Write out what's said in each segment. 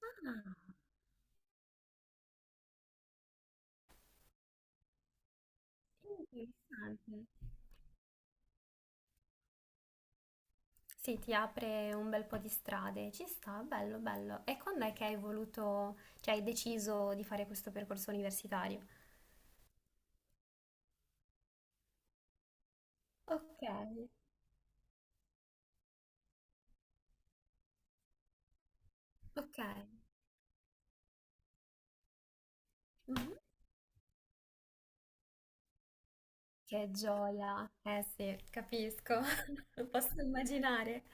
Ah, interessante. Sì, ti apre un bel po' di strade, ci sta, bello, bello. E quando è che hai voluto, cioè hai deciso di fare questo percorso universitario? Ok, ok. Mhm. Che gioia. Eh sì, capisco, lo posso immaginare.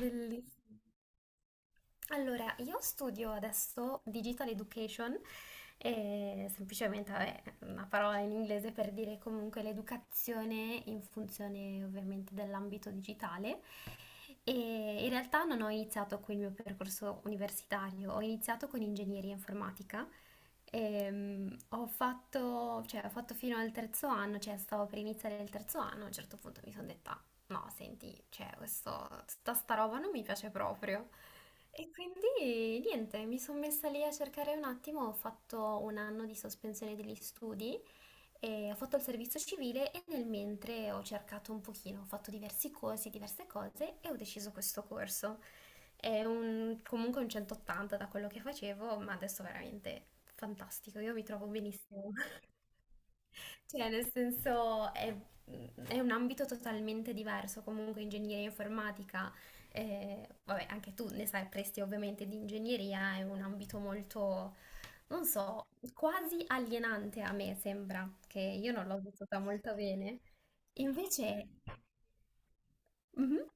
Bellissimo. Allora, io studio adesso Digital Education, e semplicemente vabbè, una parola in inglese per dire comunque l'educazione in funzione ovviamente dell'ambito digitale. E in realtà non ho iniziato con il mio percorso universitario, ho iniziato con ingegneria informatica. Cioè, ho fatto fino al terzo anno, cioè stavo per iniziare il terzo anno, a un certo punto mi sono detta no, senti, cioè, questo, tutta sta roba non mi piace proprio. E quindi niente, mi sono messa lì a cercare un attimo, ho fatto un anno di sospensione degli studi e ho fatto il servizio civile e nel mentre ho cercato un pochino, ho fatto diversi corsi, diverse cose e ho deciso questo corso. Comunque un 180 da quello che facevo, ma adesso veramente fantastico, io mi trovo benissimo. Cioè, nel senso è un ambito totalmente diverso, comunque ingegneria informatica, vabbè, anche tu ne sai presti ovviamente di ingegneria, è un ambito molto, non so, quasi alienante a me sembra, che io non l'ho vissuta molto bene. Invece... Mhm.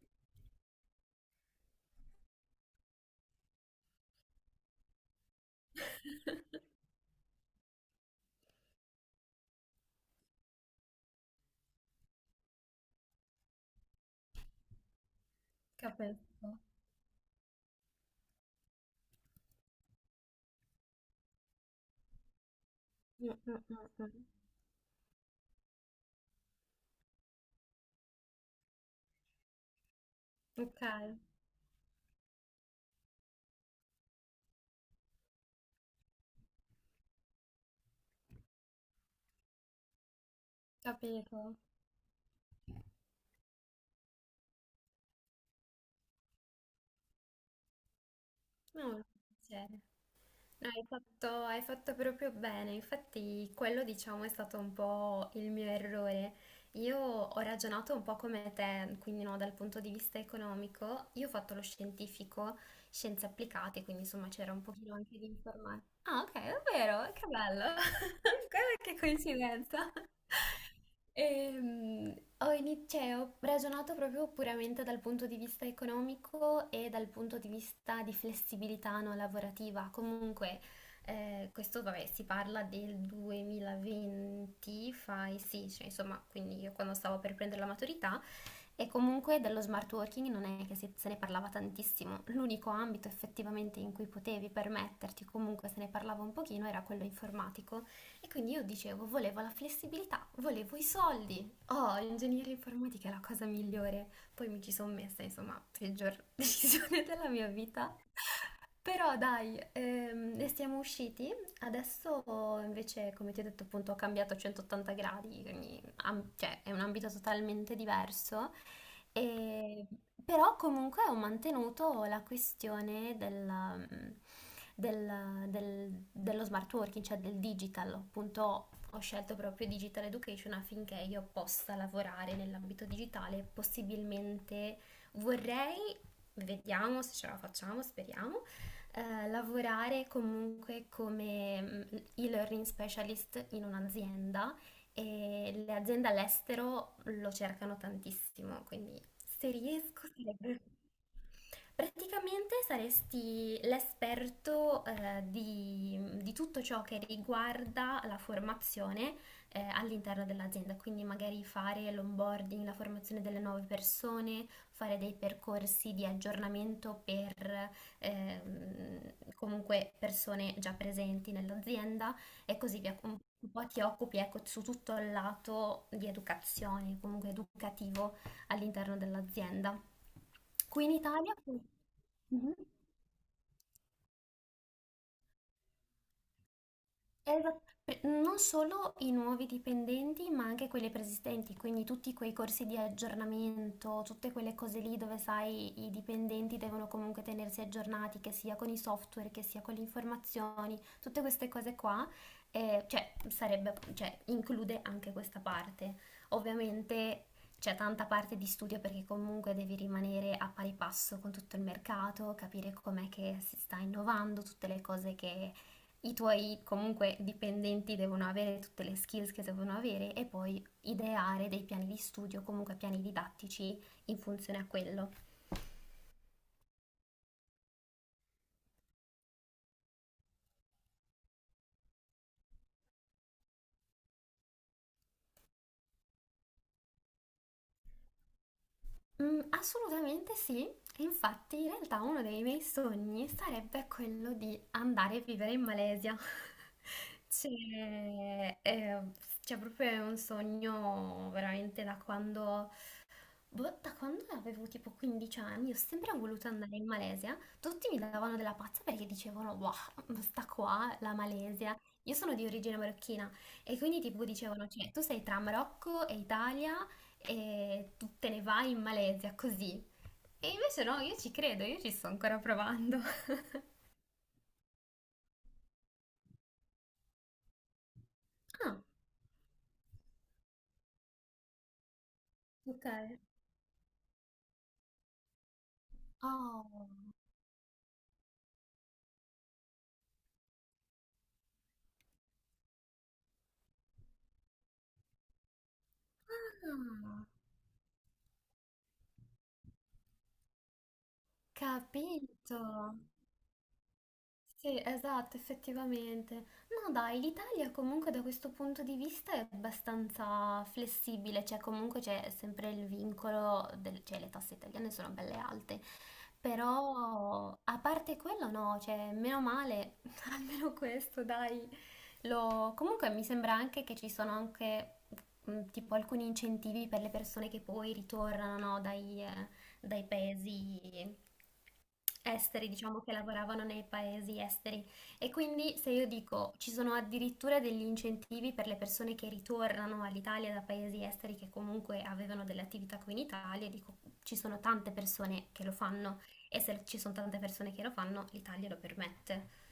Capisco. Mm, mm, mm, mm. Ok, capito. No, non c'è. Hai fatto proprio bene, infatti quello diciamo è stato un po' il mio errore. Io ho ragionato un po' come te, quindi no, dal punto di vista economico, io ho fatto lo scientifico, scienze applicate, quindi insomma c'era un pochino anche di informatica. Ah, ok, davvero? Che bello! Guarda che coincidenza. Cioè, ho ragionato proprio puramente dal punto di vista economico e dal punto di vista di flessibilità no, lavorativa. Comunque, questo vabbè, si parla del 2020, fai sì, cioè, insomma, quindi io quando stavo per prendere la maturità e comunque dello smart working non è che se ne parlava tantissimo, l'unico ambito effettivamente in cui potevi permetterti, comunque se ne parlava un pochino, era quello informatico. E quindi io dicevo, volevo la flessibilità, volevo i soldi. Oh, ingegneria informatica è la cosa migliore. Poi mi ci sono messa, insomma, peggior decisione della mia vita. Però dai, ne siamo usciti. Adesso invece, come ti ho detto, appunto, ho cambiato a 180 gradi, quindi cioè, è un ambito totalmente diverso. E- Però comunque ho mantenuto la questione dello smart working, cioè del digital. Appunto, ho scelto proprio digital education affinché io possa lavorare nell'ambito digitale, possibilmente vorrei, vediamo se ce la facciamo, speriamo lavorare comunque come e-learning specialist in un'azienda e le aziende all'estero lo cercano tantissimo, quindi se riesco sarebbe... Praticamente saresti l'esperto di tutto ciò che riguarda la formazione all'interno dell'azienda, quindi magari fare l'onboarding, la formazione delle nuove persone, fare dei percorsi di aggiornamento per comunque persone già presenti nell'azienda e così via. Un po' ti occupi, ecco, su tutto il lato di educazione, comunque educativo all'interno dell'azienda. Qui in Italia... Mhm. Non solo i nuovi dipendenti, ma anche quelli preesistenti, quindi tutti quei corsi di aggiornamento, tutte quelle cose lì dove sai i dipendenti devono comunque tenersi aggiornati, che sia con i software, che sia con le informazioni, tutte queste cose qua, cioè, sarebbe, cioè, include anche questa parte. Ovviamente c'è tanta parte di studio perché comunque devi rimanere a pari passo con tutto il mercato, capire com'è che si sta innovando, tutte le cose che i tuoi comunque dipendenti devono avere tutte le skills che devono avere e poi ideare dei piani di studio, comunque piani didattici in funzione a quello. Mm, assolutamente sì, e infatti in realtà uno dei miei sogni sarebbe quello di andare a vivere in Malesia. C'è, eh, c'è proprio un sogno veramente da quando boh, da quando avevo tipo 15 anni, ho sempre voluto andare in Malesia. Tutti mi davano della pazza perché dicevano, wow, sta qua la Malesia. Io sono di origine marocchina e quindi tipo dicevano, cioè, tu sei tra Marocco e Italia e tu te ne vai in Malesia così. E invece no, io ci credo, io ci sto ancora provando. Ah, ok. Oh, ah, capito. Sì, esatto, effettivamente. No, dai, l'Italia comunque da questo punto di vista è abbastanza flessibile, cioè comunque c'è sempre il vincolo, cioè le tasse italiane sono belle alte, però a parte quello no, cioè meno male, almeno questo dai. Comunque mi sembra anche che ci sono anche tipo alcuni incentivi per le persone che poi ritornano no, dai, dai paesi esteri, diciamo che lavoravano nei paesi esteri. E quindi se io dico ci sono addirittura degli incentivi per le persone che ritornano all'Italia da paesi esteri che comunque avevano delle attività qui in Italia, dico ci sono tante persone che lo fanno. E se ci sono tante persone che lo fanno, l'Italia lo permette.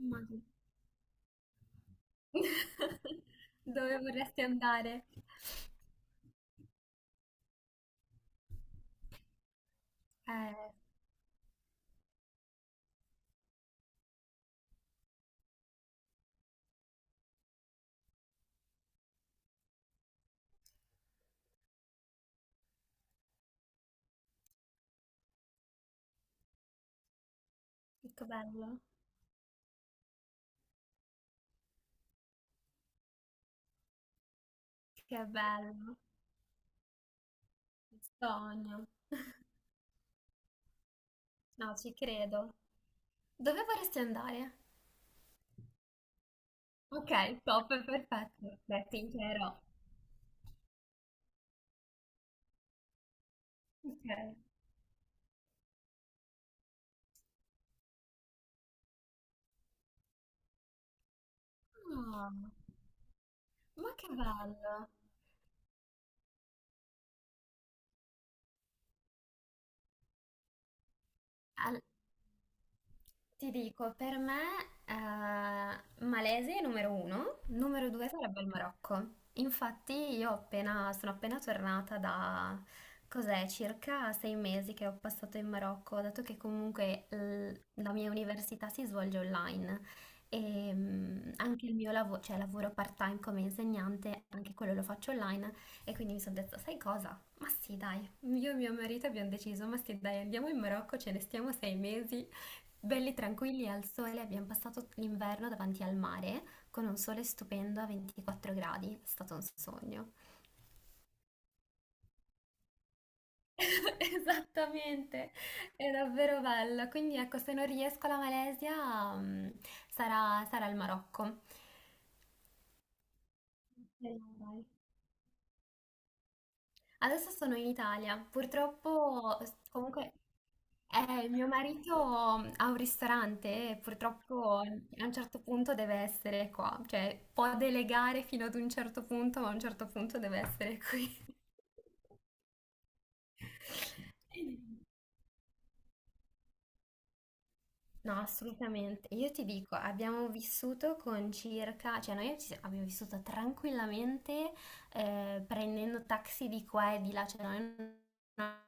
Immagino. Dove vorresti andare? Eh, che bello, che bello, il sogno. No, ci credo. Dove vorresti andare? Ok, top, perfetto. Beh, ti chiederò. Ok. Ah, ma che bello. Al- Ti dico, per me Malesia è numero uno, numero due sarebbe il Marocco. Infatti io sono appena tornata da, cos'è, circa 6 mesi che ho passato in Marocco, dato che comunque la mia università si svolge online e anche il mio lavoro, cioè lavoro part-time come insegnante, anche quello lo faccio online e quindi mi sono detta, sai cosa? Ma sì, dai, io e mio marito abbiamo deciso, ma sì, dai, andiamo in Marocco, ce ne stiamo 6 mesi. Belli tranquilli al sole, abbiamo passato l'inverno davanti al mare con un sole stupendo a 24 gradi, è stato un sogno. Esattamente, è davvero bello. Quindi ecco, se non riesco alla Malesia, sarà il Marocco. Speriamo, dai. Adesso sono in Italia. Purtroppo, comunque, mio marito ha un ristorante e purtroppo a un certo punto deve essere qua. Cioè, può delegare fino ad un certo punto, ma a un certo punto deve essere qui. No, assolutamente. Io ti dico, abbiamo vissuto con circa, cioè noi abbiamo vissuto tranquillamente prendendo taxi di qua e di là, cioè noi non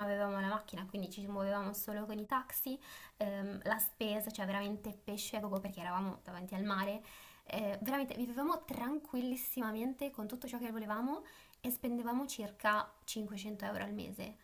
avevamo la macchina, quindi ci muovevamo solo con i taxi, la spesa, cioè veramente pesce a gogo perché eravamo davanti al mare, veramente vivevamo tranquillissimamente con tutto ciò che volevamo e spendevamo circa 500 euro al mese.